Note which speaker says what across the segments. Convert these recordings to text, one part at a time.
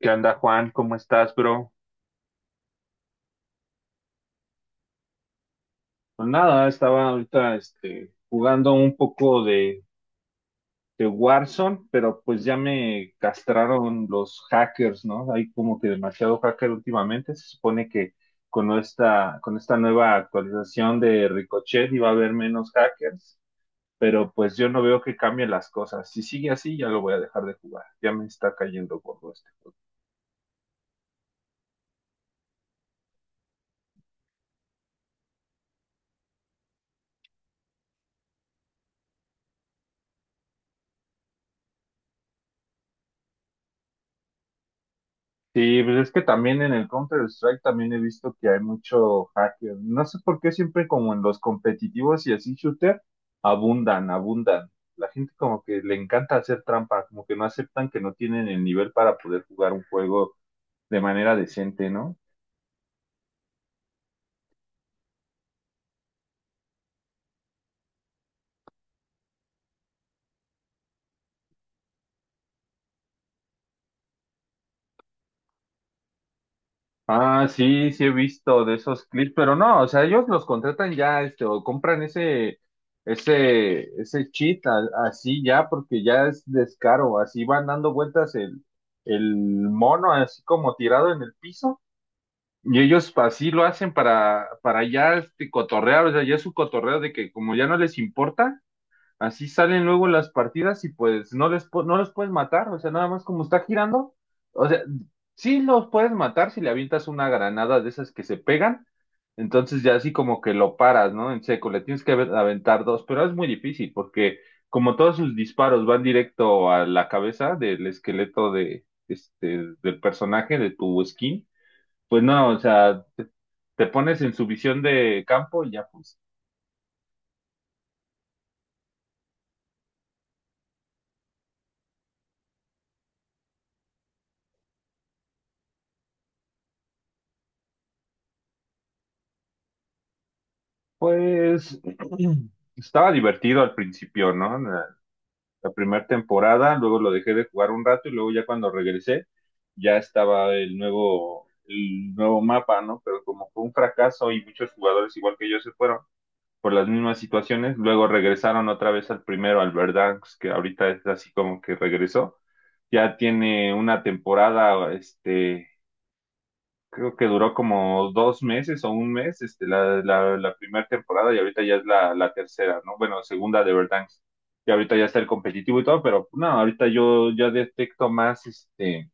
Speaker 1: ¿Qué onda, Juan? ¿Cómo estás, bro? Pues nada, estaba ahorita jugando un poco de Warzone, pero pues ya me castraron los hackers, ¿no? Hay como que demasiado hacker últimamente. Se supone que con esta nueva actualización de Ricochet iba a haber menos hackers, pero pues yo no veo que cambien las cosas. Si sigue así, ya lo voy a dejar de jugar. Ya me está cayendo gordo esto. Sí, pues es que también en el Counter-Strike también he visto que hay mucho hacker. No sé por qué siempre como en los competitivos y así shooter abundan, abundan. La gente como que le encanta hacer trampa, como que no aceptan que no tienen el nivel para poder jugar un juego de manera decente, ¿no? Ah, sí, sí he visto de esos clips, pero no, o sea, ellos los contratan ya, o compran ese, ese así ya, porque ya es descaro, así van dando vueltas el mono, así como tirado en el piso, y ellos así lo hacen para ya, cotorrear, o sea, ya es su cotorreo de que como ya no les importa, así salen luego las partidas y pues no los puedes matar, o sea, nada más como está girando, o sea, sí los puedes matar si le avientas una granada de esas que se pegan, entonces ya así como que lo paras, ¿no? En seco, le tienes que ave- aventar dos, pero es muy difícil porque como todos sus disparos van directo a la cabeza del esqueleto de del personaje de tu skin, pues no, o sea, te pones en su visión de campo y ya pues. Pues estaba divertido al principio, ¿no? La primera temporada, luego lo dejé de jugar un rato y luego ya cuando regresé ya estaba el nuevo mapa, ¿no? Pero como fue un fracaso y muchos jugadores igual que yo se fueron por las mismas situaciones, luego regresaron otra vez al primero, al Verdansk, que ahorita es así como que regresó. Ya tiene una temporada, creo que duró como dos meses o un mes, la primera temporada y ahorita ya es la tercera, ¿no? Bueno, segunda de Verdansk. Y ahorita ya está el competitivo y todo, pero no, ahorita yo ya detecto más,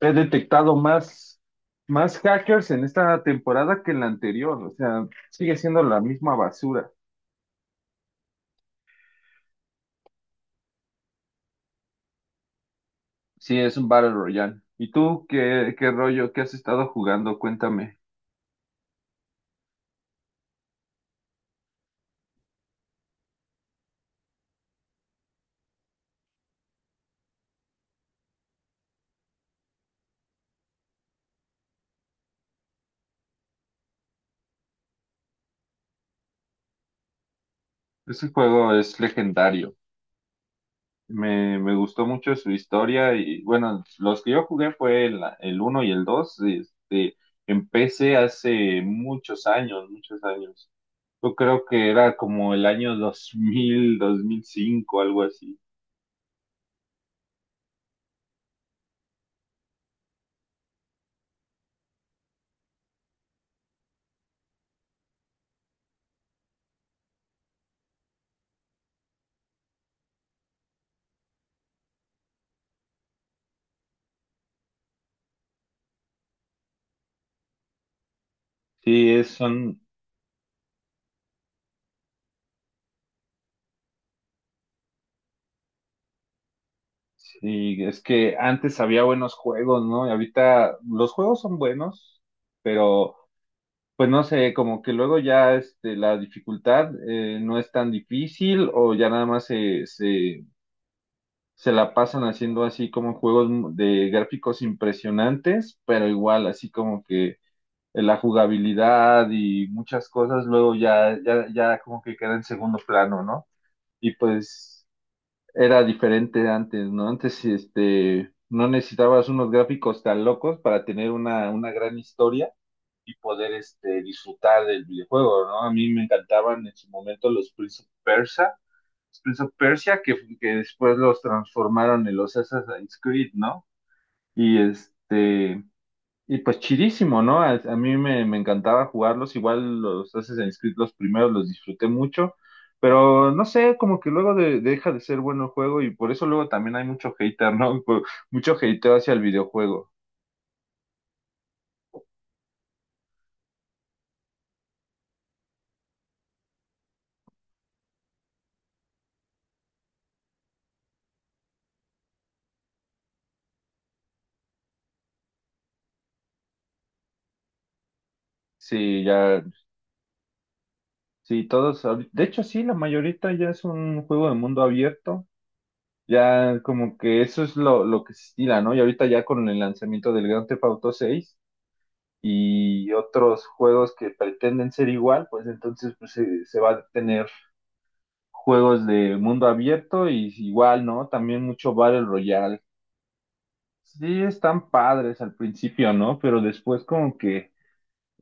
Speaker 1: he detectado más, más hackers en esta temporada que en la anterior, o sea, sigue siendo la misma basura. Sí, es un Battle Royale. ¿Y tú qué, qué rollo, qué has estado jugando? Cuéntame. Ese juego es legendario. Me gustó mucho su historia y bueno, los que yo jugué fue el uno y el 2 empecé hace muchos años, muchos años. Yo creo que era como el año 2000, 2005, algo así. Sí, es, son, sí, es que antes había buenos juegos, ¿no? Y ahorita los juegos son buenos, pero pues no sé, como que luego ya la dificultad no es tan difícil o ya nada más se la pasan haciendo así como juegos de gráficos impresionantes, pero igual así como que la jugabilidad y muchas cosas luego ya como que queda en segundo plano, ¿no? Y pues era diferente antes, ¿no? Antes no necesitabas unos gráficos tan locos para tener una gran historia y poder disfrutar del videojuego, ¿no? A mí me encantaban en su momento los Prince of Persia, que después los transformaron en los Assassin's Creed, ¿no? Y este, y pues chidísimo, ¿no? A mí me encantaba jugarlos, igual los Assassin's Creed los primeros los disfruté mucho, pero no sé, como que luego deja de ser bueno el juego y por eso luego también hay mucho hater, ¿no? Mucho hateo hacia el videojuego. Sí, ya, sí, todos, ahorita- de hecho sí, la mayorita ya es un juego de mundo abierto. Ya como que eso es lo que se estila, ¿no? Y ahorita ya con el lanzamiento del Grand Theft Auto 6 y otros juegos que pretenden ser igual, pues entonces pues, se va a tener juegos de mundo abierto y igual, ¿no? También mucho Battle Royale. Sí, están padres al principio, ¿no? Pero después como que,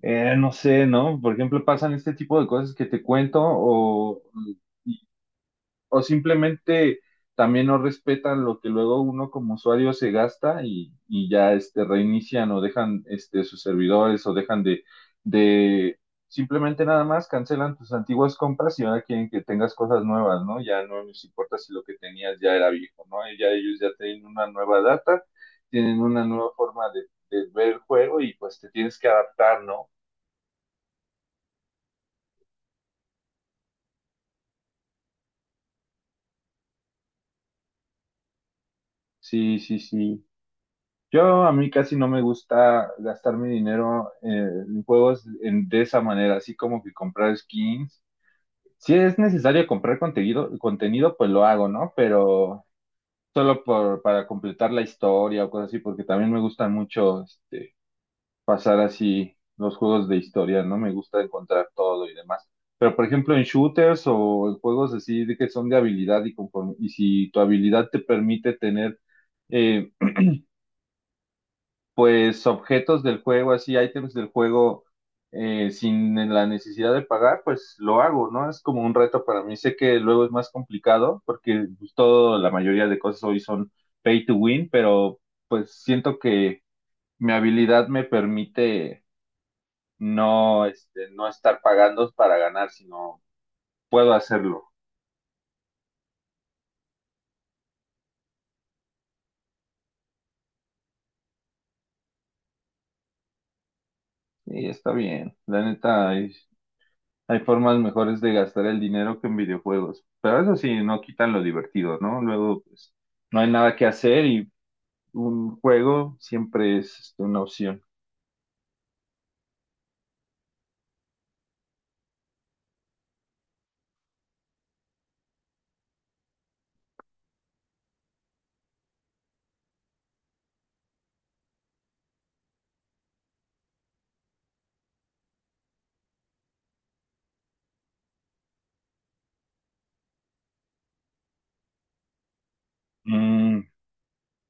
Speaker 1: no sé, ¿no? Por ejemplo, pasan este tipo de cosas que te cuento o simplemente también no respetan lo que luego uno como usuario se gasta y ya reinician o dejan sus servidores o dejan de simplemente nada más cancelan tus antiguas compras y ahora quieren que tengas cosas nuevas, ¿no? Ya no les importa si lo que tenías ya era viejo, ¿no? Ya ellos ya tienen una nueva data, tienen una nueva forma de ver el juego y pues te tienes que adaptar, ¿no? Sí, sí, sí. Yo a mí casi no me gusta gastar mi dinero en juegos de esa manera, así como que comprar skins. Si es necesario comprar contenido, contenido, pues lo hago, ¿no? Pero solo por, para completar la historia o cosas así, porque también me gusta mucho pasar así los juegos de historia, ¿no? Me gusta encontrar todo y demás. Pero por ejemplo en shooters o en juegos así de que son de habilidad y conforme, y si tu habilidad te permite tener eh, pues objetos del juego, así ítems del juego, sin la necesidad de pagar, pues lo hago, ¿no? Es como un reto para mí. Sé que luego es más complicado porque pues, todo, la mayoría de cosas hoy son pay to win, pero pues siento que mi habilidad me permite no estar pagando para ganar, sino puedo hacerlo. Y está bien, la neta, hay formas mejores de gastar el dinero que en videojuegos, pero eso sí, no quitan lo divertido, ¿no? Luego, pues, no hay nada que hacer y un juego siempre es una opción. Mm,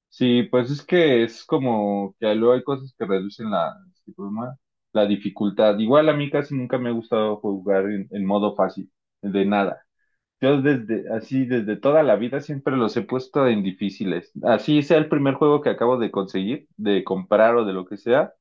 Speaker 1: sí, pues es que es como que luego hay cosas que reducen ¿cómo se llama? La dificultad. Igual a mí casi nunca me ha gustado jugar en modo fácil, de nada. Yo desde, así, desde toda la vida siempre los he puesto en difíciles. Así sea el primer juego que acabo de conseguir, de comprar o de lo que sea.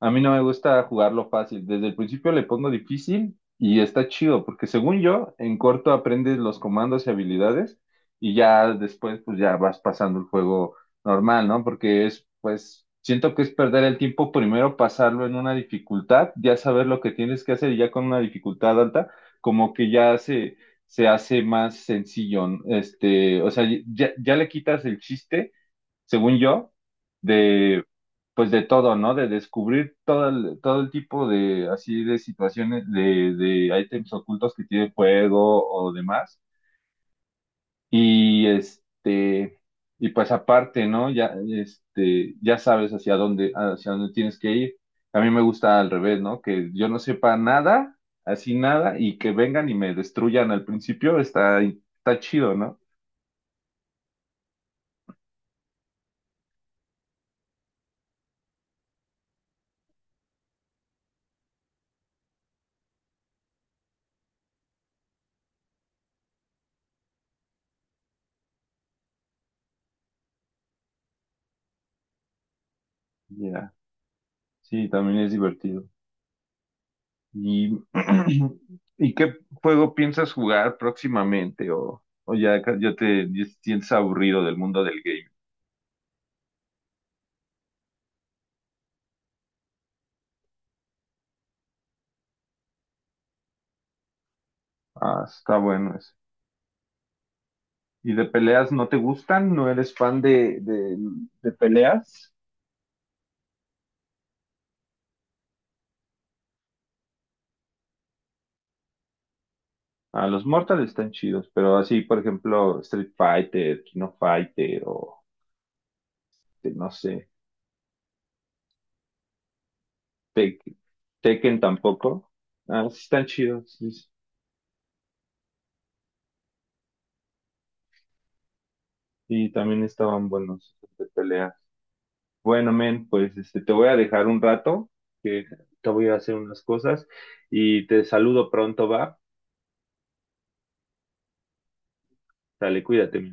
Speaker 1: A mí no me gusta jugarlo fácil. Desde el principio le pongo difícil y está chido, porque según yo, en corto aprendes los comandos y habilidades y ya después pues ya vas pasando el juego normal, ¿no? Porque es, pues, siento que es perder el tiempo primero pasarlo en una dificultad, ya saber lo que tienes que hacer y ya con una dificultad alta, como que se hace más sencillo, ¿no? Ya le quitas el chiste según yo, de, pues de todo, ¿no? De descubrir todo el tipo de, así, de situaciones, de ítems ocultos que tiene el juego o demás. Y este, y pues aparte, ¿no? Ya sabes hacia dónde tienes que ir. A mí me gusta al revés, ¿no? Que yo no sepa nada, así nada, y que vengan y me destruyan al principio, está, está chido, ¿no? Ya, sí, también es divertido. ¿Y, ¿y qué juego piensas jugar próximamente? O ya, ya te sientes aburrido del mundo del game? Ah, está bueno eso. ¿Y de peleas no te gustan? ¿No eres fan de peleas? Ah, los Mortal están chidos, pero así, por ejemplo, Street Fighter, Kino Fighter o no sé, Tek- Tekken tampoco. Ah, sí están chidos, sí, sí. Y también estaban buenos de peleas. Bueno, men, pues te voy a dejar un rato. Te voy a hacer unas cosas y te saludo pronto, va. Dale, cuídate.